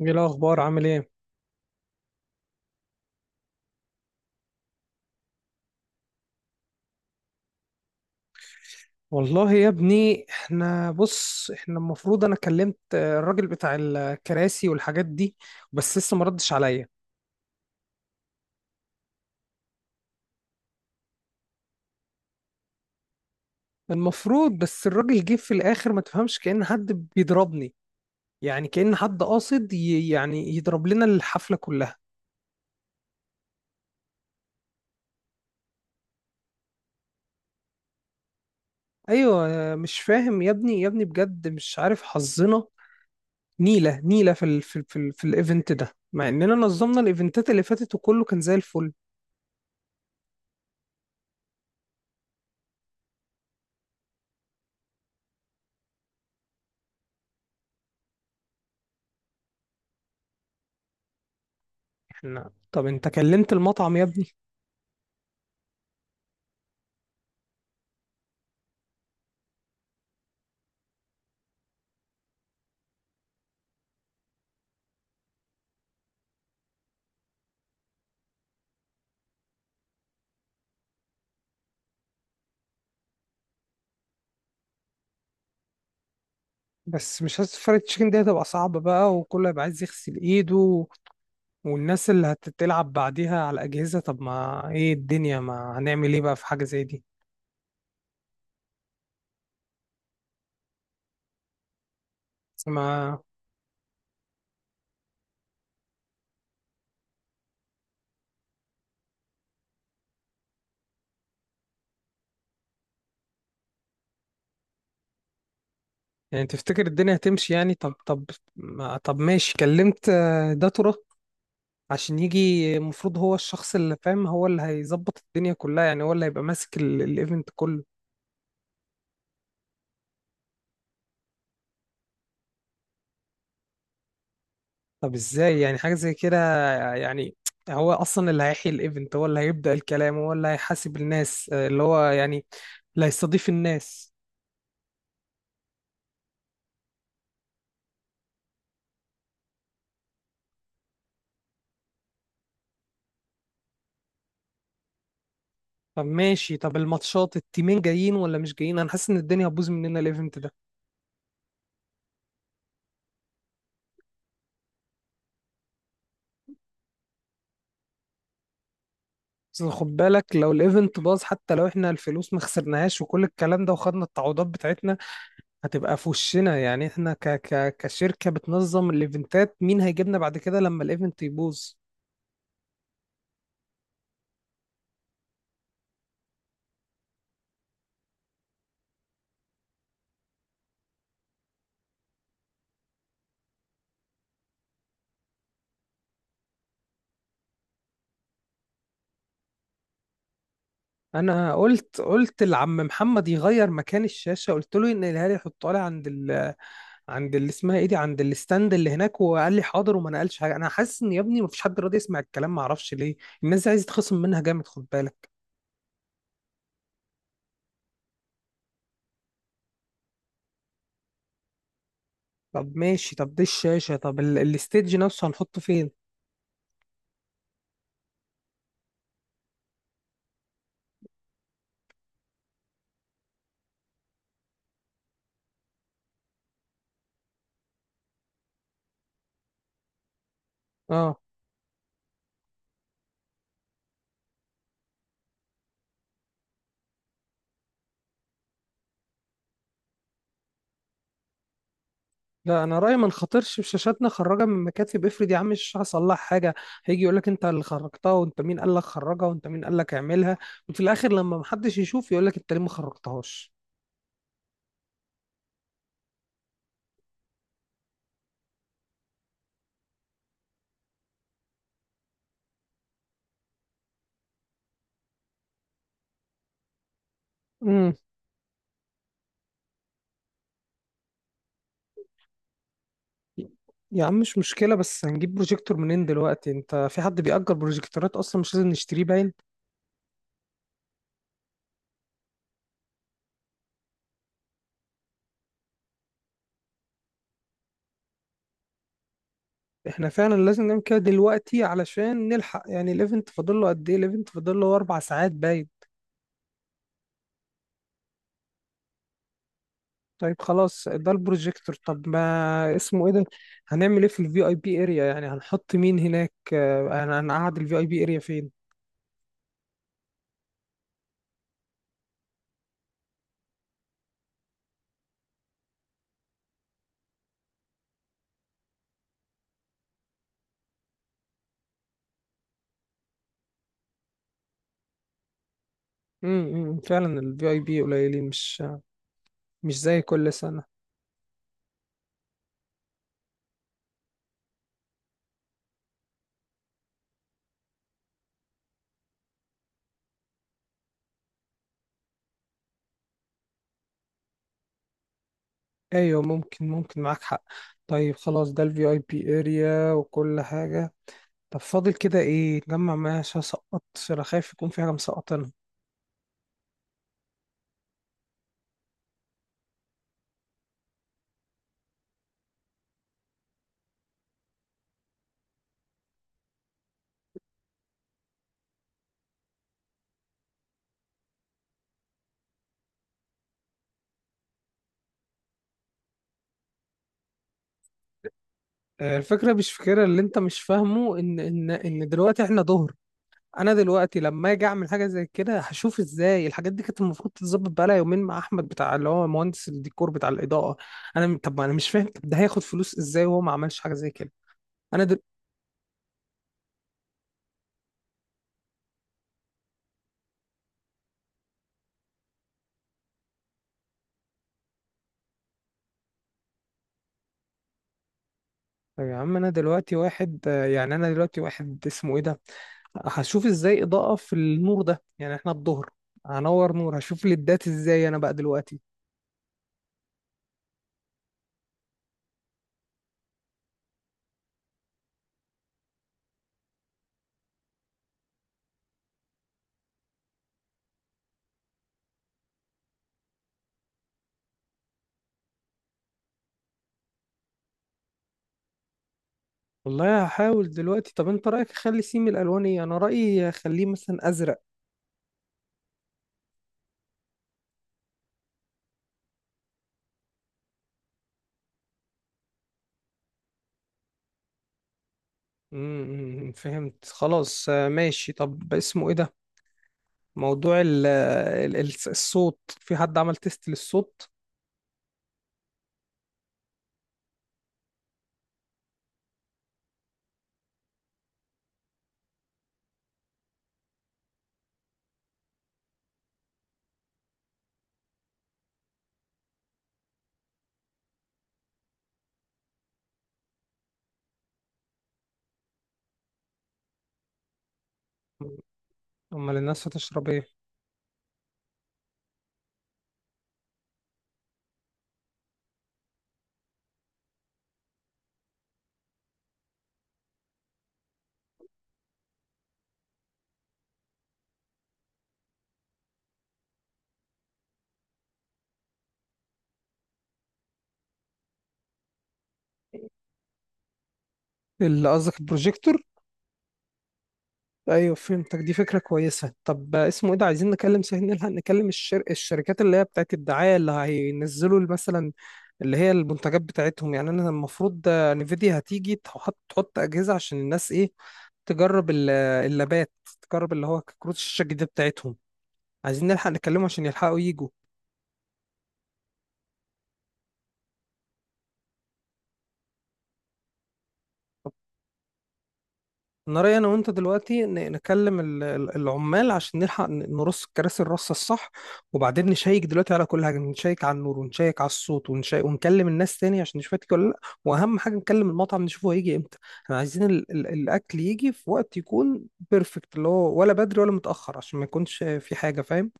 ايه الاخبار؟ عامل ايه؟ والله يا ابني، احنا بص، احنا المفروض انا كلمت الراجل بتاع الكراسي والحاجات دي، بس لسه ما ردش عليا. المفروض بس الراجل جه في الاخر ما تفهمش، كأن حد بيضربني، يعني كأن حد قاصد يعني يضرب لنا الحفلة كلها. ايوه، مش فاهم يا ابني يا ابني بجد، مش عارف حظنا نيلة نيلة في الايفنت ده، مع اننا نظمنا الايفنتات اللي فاتت وكله كان زي الفل. احنا طب انت كلمت المطعم يا ابني؟ بس مش حاسس فرايد تشيكن دي هتبقى صعبة بقى، وكله هيبقى عايز يغسل ايده، والناس اللي هتتلعب بعديها على الأجهزة. طب ما ايه الدنيا، ما هنعمل ايه بقى في حاجة زي دي. ما يعني تفتكر الدنيا هتمشي؟ يعني طب ما طب ماشي. كلمت داتورا عشان يجي، المفروض هو الشخص اللي فاهم، هو اللي هيظبط الدنيا كلها، يعني هو اللي هيبقى ماسك الايفنت كله. طب ازاي يعني حاجة زي كده؟ يعني هو اصلا اللي هيحيي الايفنت، هو اللي هيبدأ الكلام، هو اللي هيحاسب الناس، اللي هو يعني اللي هيستضيف الناس. طب ماشي، طب الماتشات التيمين جايين ولا مش جايين؟ انا حاسس ان الدنيا هتبوظ مننا الايفنت ده. بس خد بالك، لو الايفنت باظ، حتى لو احنا الفلوس ما خسرناهاش وكل الكلام ده وخدنا التعويضات بتاعتنا، هتبقى في وشنا يعني. احنا ك ك كشركة بتنظم الايفنتات، مين هيجيبنا بعد كده لما الايفنت يبوظ؟ انا قلت لعم محمد يغير مكان الشاشه، قلت له ينقلها لي، يحطها لي عند اللي اسمها ايه دي، عند الستاند اللي هناك، وقال لي حاضر وما نقلش حاجه. انا حاسس ان يا ابني مفيش حد راضي يسمع الكلام، ما اعرفش ليه. الناس دي عايزه تخصم منها جامد، خد بالك. طب ماشي، طب دي الشاشه، طب الستيج نفسه هنحطه فين؟ اه، لا انا رايي ما نخاطرش بشاشاتنا. خرجها من مكاتب، افرض يا عم الشاشه حصل لها حاجه، هيجي يقول لك انت اللي خرجتها، وانت مين قال لك خرجها، وانت مين قال لك اعملها، وفي الاخر لما محدش يشوف يقول لك انت ليه ما خرجتهاش. امم. يا عم مش مشكلة، بس هنجيب بروجيكتور منين دلوقتي؟ انت في حد بيأجر بروجيكتورات اصلا؟ مش لازم نشتريه باين. احنا فعلا لازم نعمل كده دلوقتي علشان نلحق يعني. الايفنت فاضل له قد ايه؟ الايفنت فاضل له 4 ساعات باين. طيب خلاص ده البروجيكتور. طب ما اسمه ايه ده، هنعمل ايه في الفي اي بي اريا؟ يعني هنحط مين هناك؟ هنقعد الفي اي بي اريا فين؟ امم، فعلا الفي اي بي قليلين، مش مش زي كل سنة. ايوه ممكن، ممكن معاك حق. طيب خلاص ده الفي اي بي اريا وكل حاجه. طب فاضل كده ايه نجمع معايا عشان اسقط؟ عشان أنا خايف يكون في حاجه مسقطانا. الفكره مش فكره، اللي انت مش فاهمه ان دلوقتي احنا ظهر. انا دلوقتي لما اجي اعمل حاجه زي كده هشوف ازاي. الحاجات دي كانت المفروض تتظبط بقالها يومين مع احمد بتاع اللي هو مهندس الديكور بتاع الاضاءه. انا طب ما انا مش فاهم، طب ده هياخد فلوس ازاي وهو ما عملش حاجه زي كده؟ انا طب يا عم، انا دلوقتي واحد، يعني انا دلوقتي واحد اسمه ايه ده هشوف ازاي اضاءة في النور ده؟ يعني احنا الظهر هنور نور هشوف ليدات ازاي انا بقى دلوقتي؟ والله هحاول دلوقتي. طب انت رأيك اخلي سيم الالوان ايه؟ انا رأيي اخليه مثلا ازرق. امم، فهمت خلاص. ماشي. طب اسمه ايه ده، موضوع ال ال الصوت في حد عمل تيست للصوت؟ امال الناس هتشرب ايه؟ اللي قصدك البروجيكتور؟ ايوه فهمتك، دي فكره كويسه. طب اسمه ايه ده، عايزين نكلم سهل، نلحق نكلم الشركات اللي هي بتاعت الدعايه اللي هينزلوا مثلا اللي هي المنتجات بتاعتهم. يعني انا المفروض نفيديا هتيجي تحط اجهزه عشان الناس ايه، تجرب اللابات، تجرب اللي هو كروت الشاشه الجديده بتاعتهم. عايزين نلحق نكلمهم عشان يلحقوا يجوا. انا رايي انا وانت دلوقتي نكلم العمال عشان نلحق نرص الكراسي الرصه الصح، وبعدين نشيك دلوقتي على كل حاجه، نشيك على النور ونشيك على الصوت ونشيك، ونكلم الناس تاني عشان نشوف هتيجي ولا لا. واهم حاجه نكلم المطعم نشوفه هيجي امتى. احنا عايزين ال ال الاكل يجي في وقت يكون بيرفكت، اللي هو ولا بدري ولا متاخر، عشان ما يكونش في حاجه فاهم.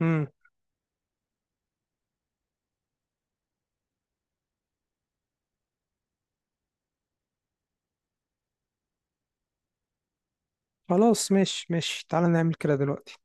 امم، خلاص ماشي ماشي، تعالى نعمل كده دلوقتي.